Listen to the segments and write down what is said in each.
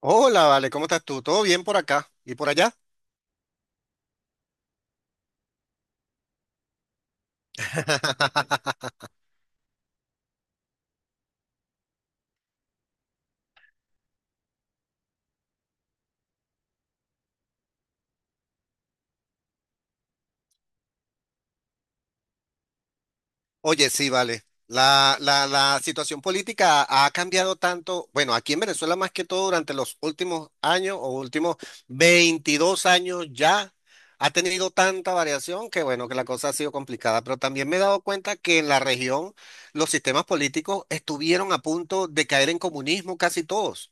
Hola, vale, ¿cómo estás tú? ¿Todo bien por acá y por allá? Oye, sí, vale. La situación política ha cambiado tanto, bueno, aquí en Venezuela más que todo durante los últimos años o últimos 22 años ya ha tenido tanta variación que bueno, que la cosa ha sido complicada, pero también me he dado cuenta que en la región los sistemas políticos estuvieron a punto de caer en comunismo casi todos.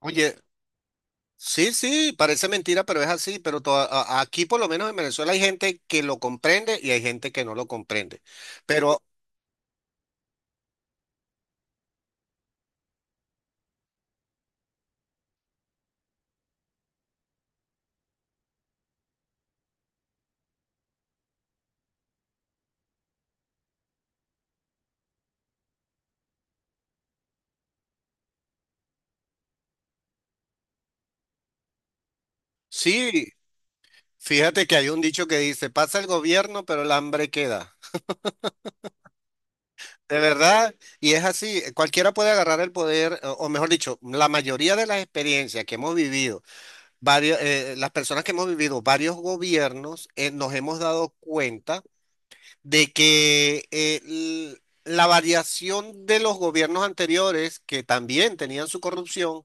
Oye, sí, sí, parece mentira, pero es así. Pero aquí, por lo menos en Venezuela, hay gente que lo comprende y hay gente que no lo comprende. Pero sí, fíjate que hay un dicho que dice, pasa el gobierno, pero el hambre queda. De verdad, y es así, cualquiera puede agarrar el poder, o mejor dicho, la mayoría de las experiencias que hemos vivido, varios, las personas que hemos vivido varios gobiernos, nos hemos dado cuenta de que la variación de los gobiernos anteriores, que también tenían su corrupción,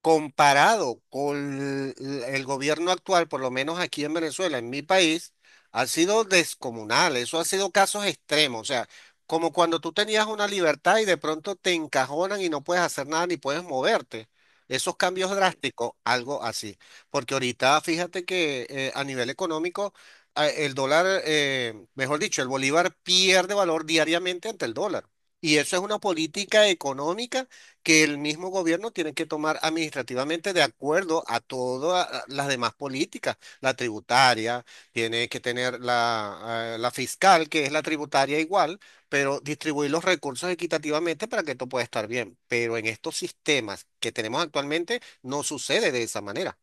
comparado con el gobierno actual, por lo menos aquí en Venezuela, en mi país, ha sido descomunal. Eso ha sido casos extremos. O sea, como cuando tú tenías una libertad y de pronto te encajonan y no puedes hacer nada ni puedes moverte. Esos cambios drásticos, algo así. Porque ahorita fíjate que a nivel económico, el dólar, mejor dicho, el bolívar pierde valor diariamente ante el dólar. Y eso es una política económica que el mismo gobierno tiene que tomar administrativamente de acuerdo a todas las demás políticas, la tributaria, tiene que tener la la fiscal, que es la tributaria igual, pero distribuir los recursos equitativamente para que esto pueda estar bien. Pero en estos sistemas que tenemos actualmente no sucede de esa manera.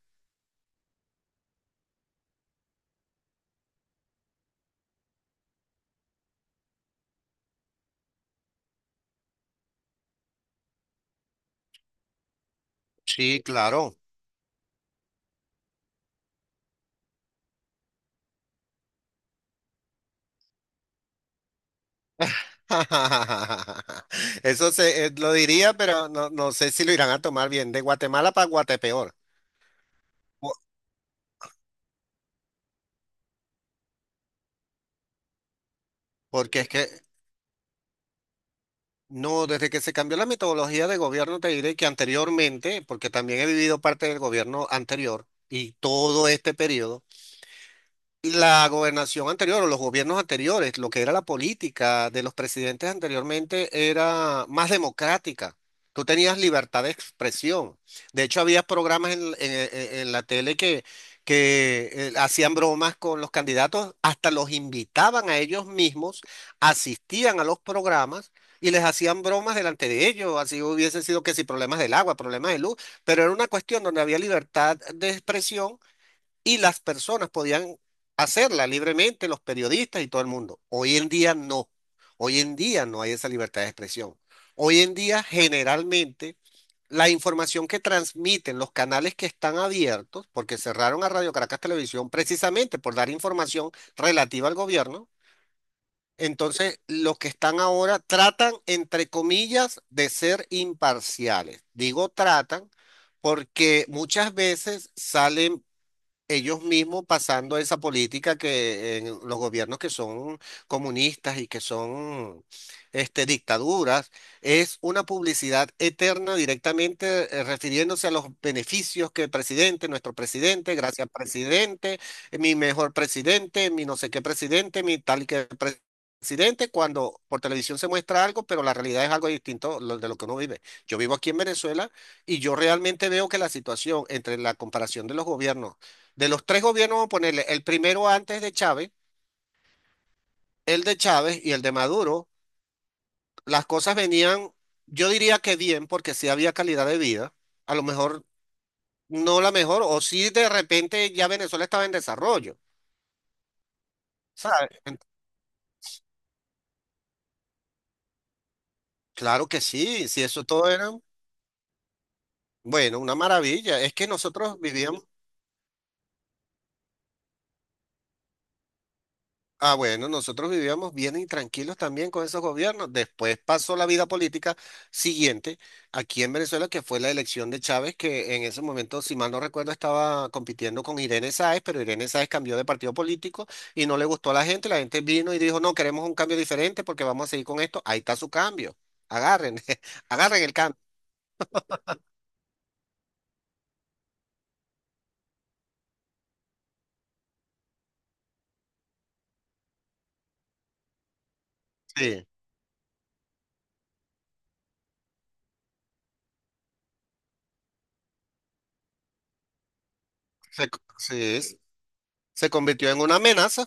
Sí, claro. Eso lo diría, pero no, no sé si lo irán a tomar bien, de Guatemala para Guatepeor. Po- Porque es que no, desde que se cambió la metodología de gobierno, te diré que anteriormente, porque también he vivido parte del gobierno anterior y todo este periodo. La gobernación anterior o los gobiernos anteriores, lo que era la política de los presidentes anteriormente era más democrática. Tú tenías libertad de expresión. De hecho, había programas en la tele que, que hacían bromas con los candidatos, hasta los invitaban a ellos mismos, asistían a los programas y les hacían bromas delante de ellos. Así hubiesen sido que si problemas del agua, problemas de luz, pero era una cuestión donde había libertad de expresión y las personas podían hacerla libremente, los periodistas y todo el mundo. Hoy en día no. Hoy en día no hay esa libertad de expresión. Hoy en día generalmente la información que transmiten los canales que están abiertos, porque cerraron a Radio Caracas Televisión precisamente por dar información relativa al gobierno, entonces los que están ahora tratan, entre comillas, de ser imparciales. Digo tratan porque muchas veces salen ellos mismos pasando esa política que en los gobiernos que son comunistas y que son este, dictaduras, es una publicidad eterna directamente refiriéndose a los beneficios que el presidente, nuestro presidente, gracias presidente, mi mejor presidente, mi no sé qué presidente, mi tal y que pre- presidente, cuando por televisión se muestra algo, pero la realidad es algo distinto de lo que uno vive. Yo vivo aquí en Venezuela y yo realmente veo que la situación entre la comparación de los gobiernos de los 3 gobiernos, vamos a ponerle el primero antes de Chávez, el de Chávez y el de Maduro, las cosas venían, yo diría que bien, porque sí había calidad de vida, a lo mejor no la mejor, o sí de repente ya Venezuela estaba en desarrollo, ¿sabes? Claro que sí, si eso todo era, bueno, una maravilla. Es que nosotros vivíamos, ah, bueno, nosotros vivíamos bien y tranquilos también con esos gobiernos. Después pasó la vida política siguiente aquí en Venezuela, que fue la elección de Chávez, que en ese momento, si mal no recuerdo, estaba compitiendo con Irene Sáez, pero Irene Sáez cambió de partido político y no le gustó a la gente. La gente vino y dijo, no, queremos un cambio diferente porque vamos a seguir con esto. Ahí está su cambio. Agarren, agarren el cambio. Sí, se, sí, se convirtió en una amenaza.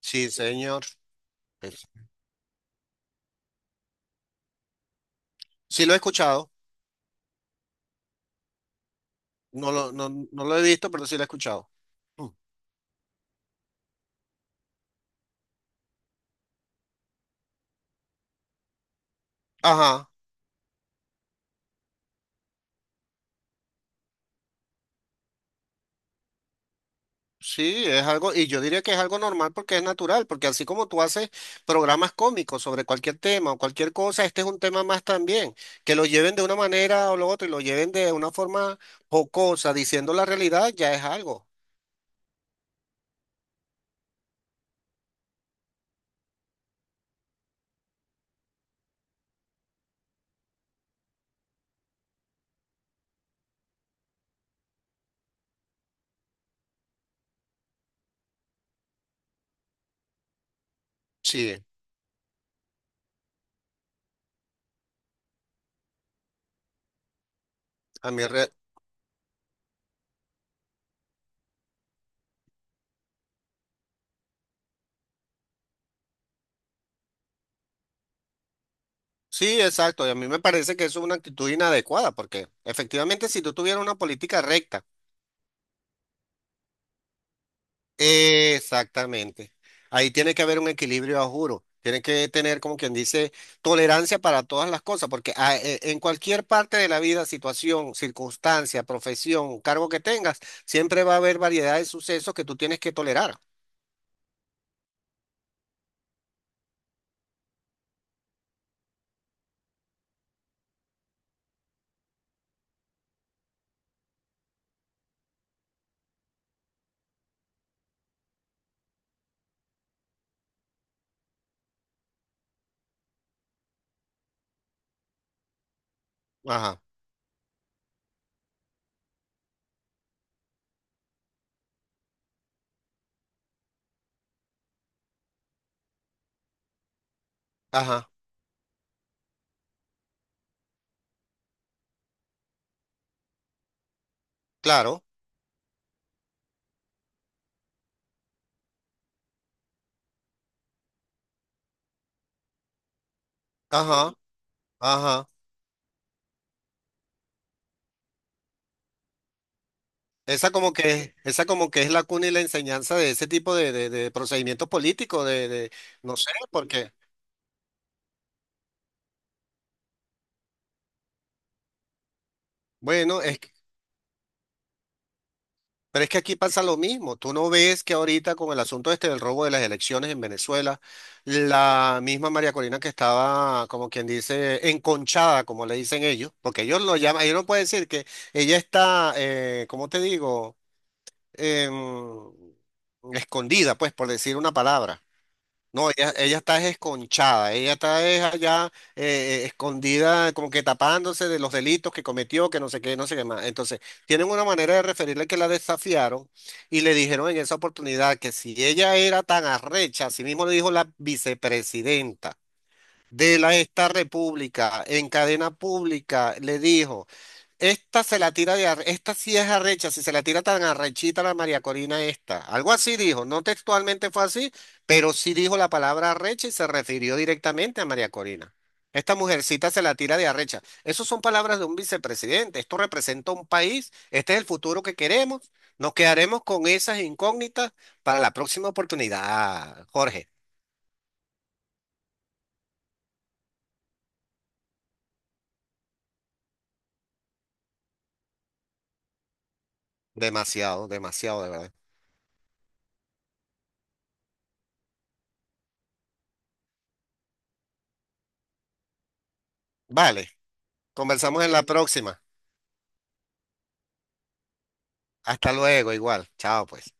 Sí, señor. Eso. Sí, lo he escuchado. No lo, no, no lo he visto, pero sí lo he escuchado. Mm. Ajá, sí, es algo, y yo diría que es algo normal porque es natural, porque así como tú haces programas cómicos sobre cualquier tema o cualquier cosa, este es un tema más también, que lo lleven de una manera o lo otro y lo lleven de una forma jocosa, diciendo la realidad, ya es algo. Sí, a mí re- sí, exacto, y a mí me parece que eso es una actitud inadecuada, porque efectivamente si tú tuvieras una política recta... Exactamente. Ahí tiene que haber un equilibrio, a juro. Tiene que tener, como quien dice, tolerancia para todas las cosas, porque en cualquier parte de la vida, situación, circunstancia, profesión, cargo que tengas, siempre va a haber variedad de sucesos que tú tienes que tolerar. Ajá, ajá, claro, ajá, ajá. Esa como que es la cuna y la enseñanza de ese tipo de procedimientos políticos, no sé, porque, bueno, es que... Pero es que aquí pasa lo mismo. Tú no ves que ahorita con el asunto este del robo de las elecciones en Venezuela, la misma María Corina que estaba, como quien dice, enconchada, como le dicen ellos, porque ellos lo llaman, ellos no pueden decir que ella está, ¿cómo te digo? Em, escondida, pues, por decir una palabra. No, ella está esconchada, ella está es allá escondida, como que tapándose de los delitos que cometió, que no sé qué, no sé qué más. Entonces, tienen una manera de referirle que la desafiaron y le dijeron en esa oportunidad que si ella era tan arrecha, así mismo le dijo la vicepresidenta de la, esta república en cadena pública, le dijo. Esta sí es arrecha, si se la tira tan arrechita la María Corina esta. Algo así dijo, no textualmente fue así, pero sí dijo la palabra arrecha y se refirió directamente a María Corina. Esta mujercita se la tira de arrecha. Esas son palabras de un vicepresidente. Esto representa un país. Este es el futuro que queremos. Nos quedaremos con esas incógnitas para la próxima oportunidad. Jorge, demasiado, demasiado de verdad. Vale, conversamos en la próxima. Hasta luego, igual. Chao, pues.